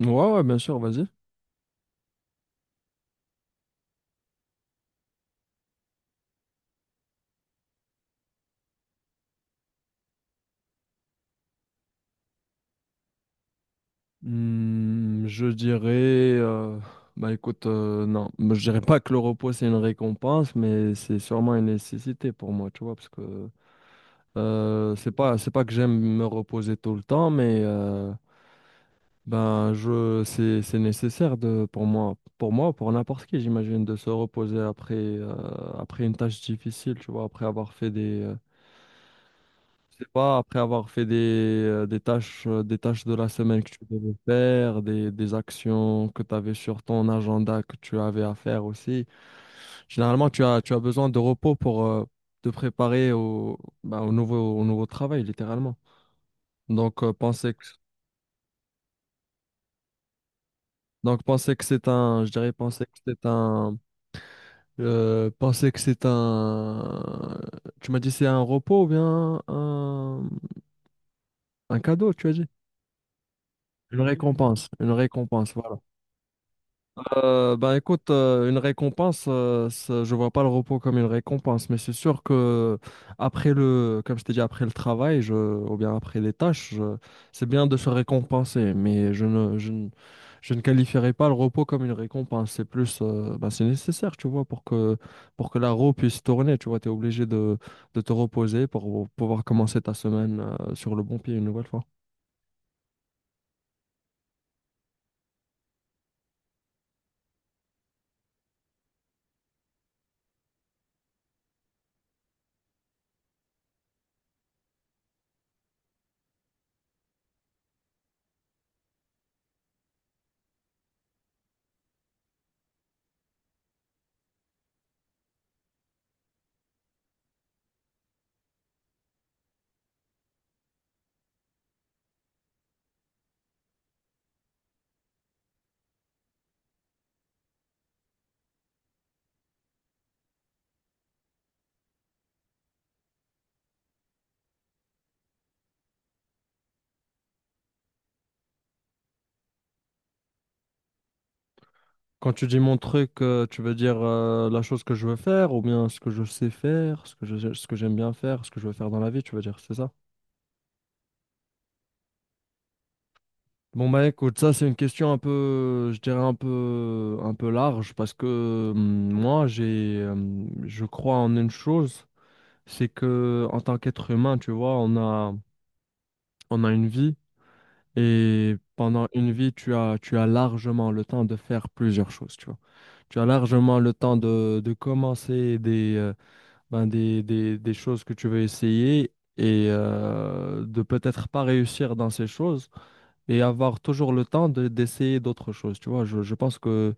Ouais, ouais, bien sûr, vas-y. Je dirais, euh, bah écoute, non, moi, je dirais pas que le repos c'est une récompense, mais c'est sûrement une nécessité pour moi, tu vois, parce que c'est pas que j'aime me reposer tout le temps, mais c'est nécessaire de, pour moi, pour moi, pour n'importe qui, j'imagine, de se reposer après, après une tâche difficile, tu vois, après avoir fait je sais pas, après avoir fait des tâches de la semaine que tu devais faire, des actions que tu avais sur ton agenda que tu avais à faire aussi. Généralement, tu as besoin de repos pour te préparer bah, au nouveau travail, littéralement. Donc, euh, penser que, donc penser que c'est un, je dirais, penser que c'est un, euh, penser que c'est un, tu m'as dit c'est un repos ou bien un cadeau, tu as dit? Une récompense, voilà. Ben écoute, une récompense, je vois pas le repos comme une récompense, mais c'est sûr que après le, comme je t'ai dit, après le travail, je, ou bien après les tâches, c'est bien de se récompenser, mais je ne qualifierais pas le repos comme une récompense. C'est plus, ben, c'est nécessaire, tu vois, pour que la roue puisse tourner, tu vois, tu es obligé de te reposer pour pouvoir commencer ta semaine, sur le bon pied une nouvelle fois. Quand tu dis mon truc, tu veux dire la chose que je veux faire ou bien ce que je sais faire, ce que je, ce que j'aime bien faire, ce que je veux faire dans la vie, tu veux dire, c'est ça? Bon bah écoute, ça c'est une question un peu, je dirais un peu large parce que moi j'ai, je crois en une chose, c'est que en tant qu'être humain, tu vois, on a une vie et pendant une vie, tu as largement le temps de faire plusieurs choses, tu vois. Tu as largement le temps de commencer ben, des choses que tu veux essayer et de peut-être pas réussir dans ces choses et avoir toujours le temps de- d'essayer d'autres choses. Tu vois, je pense que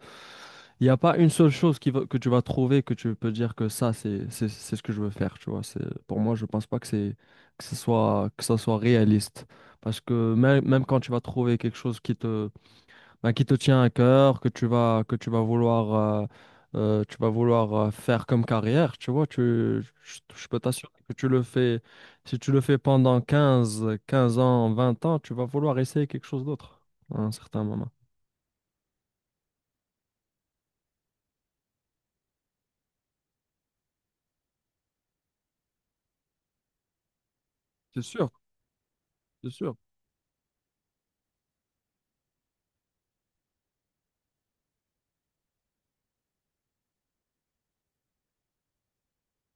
il n'y a pas une seule chose qui va- que tu vas trouver que tu peux dire que ça, c'est ce que je veux faire. Tu vois, c'est, pour moi, je pense pas que c'est, que ce soit, que ça soit réaliste. Parce que même, même quand tu vas trouver quelque chose qui te, ben, qui te tient à cœur, que tu vas vouloir faire comme carrière, tu vois, tu, je peux t'assurer que tu le fais, si tu le fais pendant 15 15 ans, 20 ans, tu vas vouloir essayer quelque chose d'autre à un certain moment. C'est sûr, c'est sûr.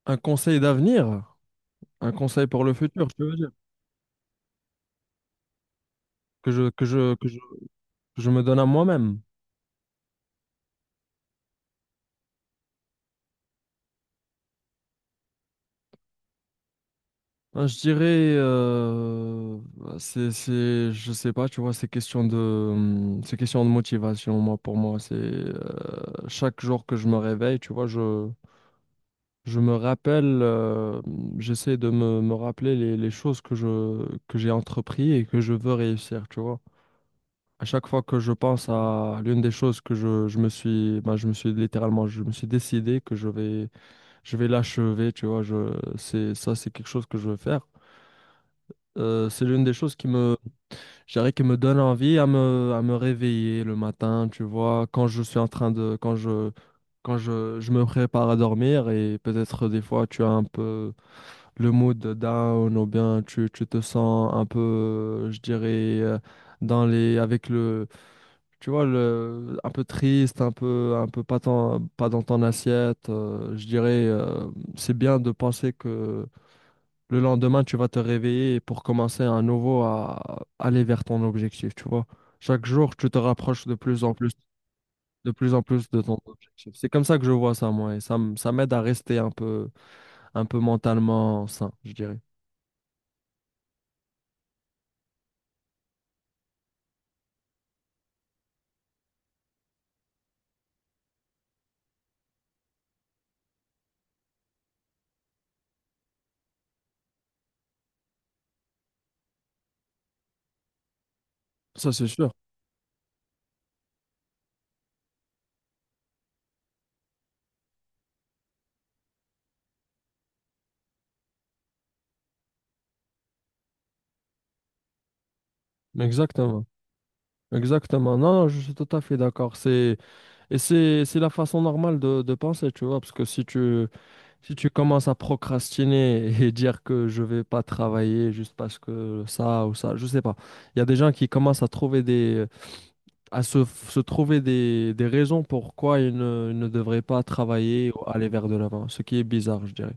Un conseil d'avenir, un conseil pour le futur, je veux dire, que je, que je, que je, que je me donne à moi-même. Ah, je dirais, bah, c'est, je sais pas, tu vois, c'est question de motivation, moi, pour moi. C'est chaque jour que je me réveille, tu vois, je me rappelle, j'essaie de me, me rappeler les choses que je, que j'ai entrepris et que je veux réussir, tu vois. À chaque fois que je pense à l'une des choses que je me suis, bah, je me suis littéralement, je me suis décidé que je vais l'achever, tu vois, je, c'est, ça, c'est quelque chose que je veux faire. C'est l'une des choses qui me, je dirais, qui me donne envie à me réveiller le matin, tu vois, quand je suis en train de, quand je me prépare à dormir et peut-être des fois tu as un peu le mood down ou bien tu, tu te sens un peu, je dirais, dans les, avec le, tu vois, le, un peu triste, un peu pas, tant- pas dans ton assiette. Je dirais, c'est bien de penser que le lendemain, tu vas te réveiller pour commencer à nouveau à aller vers ton objectif, tu vois. Chaque jour, tu te rapproches de plus en plus, de plus en plus de ton objectif. C'est comme ça que je vois ça, moi, et ça, ça m'aide à rester un peu mentalement sain, je dirais. Ça, c'est sûr. Exactement. Exactement. Non, non, je suis tout à fait d'accord. C'est, et c'est la façon normale de penser, tu vois, parce que si tu, si tu commences à procrastiner et dire que je vais pas travailler juste parce que ça ou ça, je sais pas. Il y a des gens qui commencent à trouver des, à se, se trouver des raisons pourquoi ils ne devraient pas travailler ou aller vers de l'avant, ce qui est bizarre, je dirais.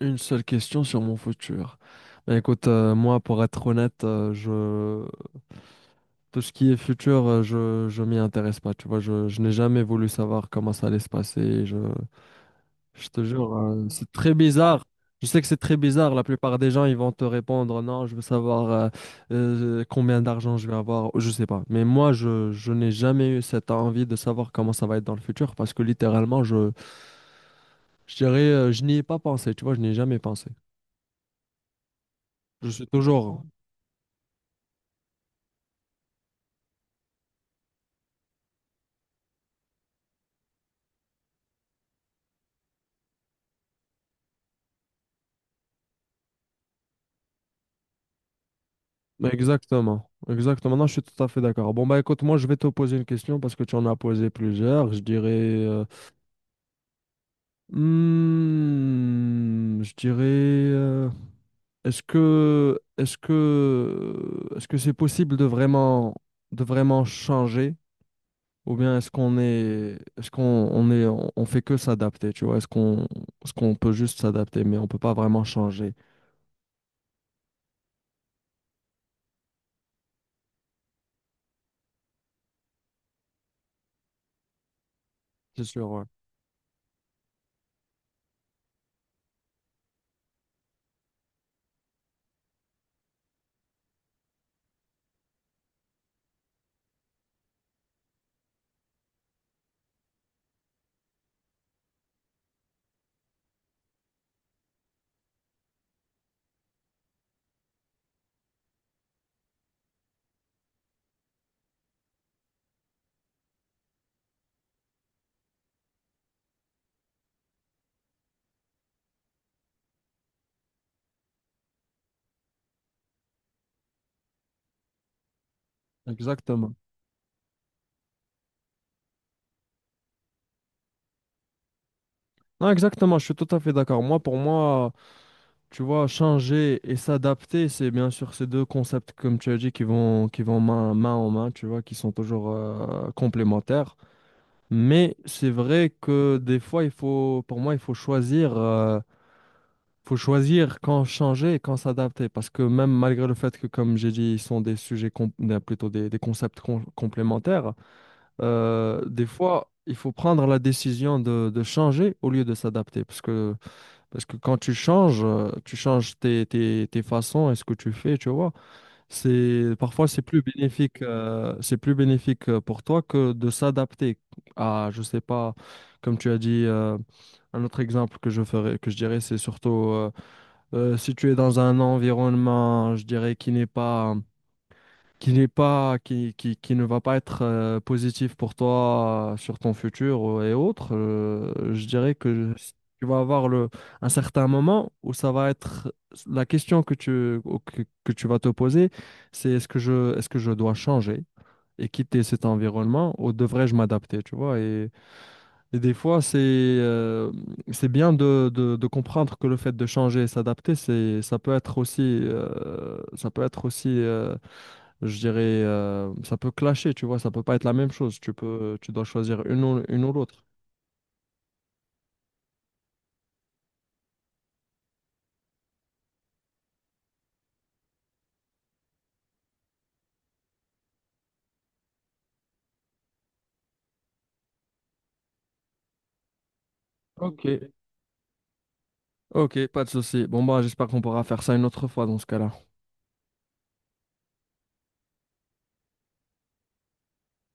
Une seule question sur mon futur. Ben écoute, moi, pour être honnête, je... tout ce qui est futur, je m'y intéresse pas. Tu vois, je n'ai jamais voulu savoir comment ça allait se passer. Je te jure, c'est très bizarre. Je sais que c'est très bizarre. La plupart des gens, ils vont te répondre, non, je veux savoir combien d'argent je vais avoir. Je sais pas. Mais moi, je n'ai jamais eu cette envie de savoir comment ça va être dans le futur parce que littéralement, je dirais, je n'y ai pas pensé. Tu vois, je n'y ai jamais pensé. Je suis toujours. Mais exactement. Exactement. Non, je suis tout à fait d'accord. Bon, bah écoute, moi, je vais te poser une question parce que tu en as posé plusieurs. Je dirais. Je dirais. euh, est-ce que c'est possible de vraiment changer? Ou bien est-ce qu'on on fait que s'adapter, tu vois? Est-ce qu'on peut juste s'adapter, mais on peut pas vraiment changer? C'est sûr, ouais. Exactement. Non, exactement, je suis tout à fait d'accord. Moi, pour moi, tu vois, changer et s'adapter, c'est bien sûr ces deux concepts, comme tu as dit, qui vont main, main en main, tu vois, qui sont toujours complémentaires. Mais c'est vrai que des fois, il faut, pour moi, il faut choisir quand changer et quand s'adapter. Parce que même malgré le fait que, comme j'ai dit, ils sont des sujets, plutôt des concepts complémentaires, des fois, il faut prendre la décision de changer au lieu de s'adapter. Parce que quand tu changes tes façons et ce que tu fais, tu vois. C'est parfois c'est plus bénéfique pour toi que de s'adapter à je sais pas comme tu as dit un autre exemple que je ferais que je dirais c'est surtout si tu es dans un environnement je dirais qui n'est pas, qui ne va pas être positif pour toi sur ton futur et autres, je dirais que tu vas avoir le, un certain moment où ça va être la question que tu, que tu vas te poser, c'est est-ce que je dois changer et quitter cet environnement ou devrais-je m'adapter, tu vois? Et des fois, c'est bien de comprendre que le fait de changer et s'adapter, c'est, ça peut être aussi, ça peut être aussi je dirais, ça peut clasher, tu vois, ça peut pas être la même chose. Tu peux, tu dois choisir une ou l'autre. Ok. Ok, pas de souci. Bon, bah, j'espère qu'on pourra faire ça une autre fois dans ce cas-là.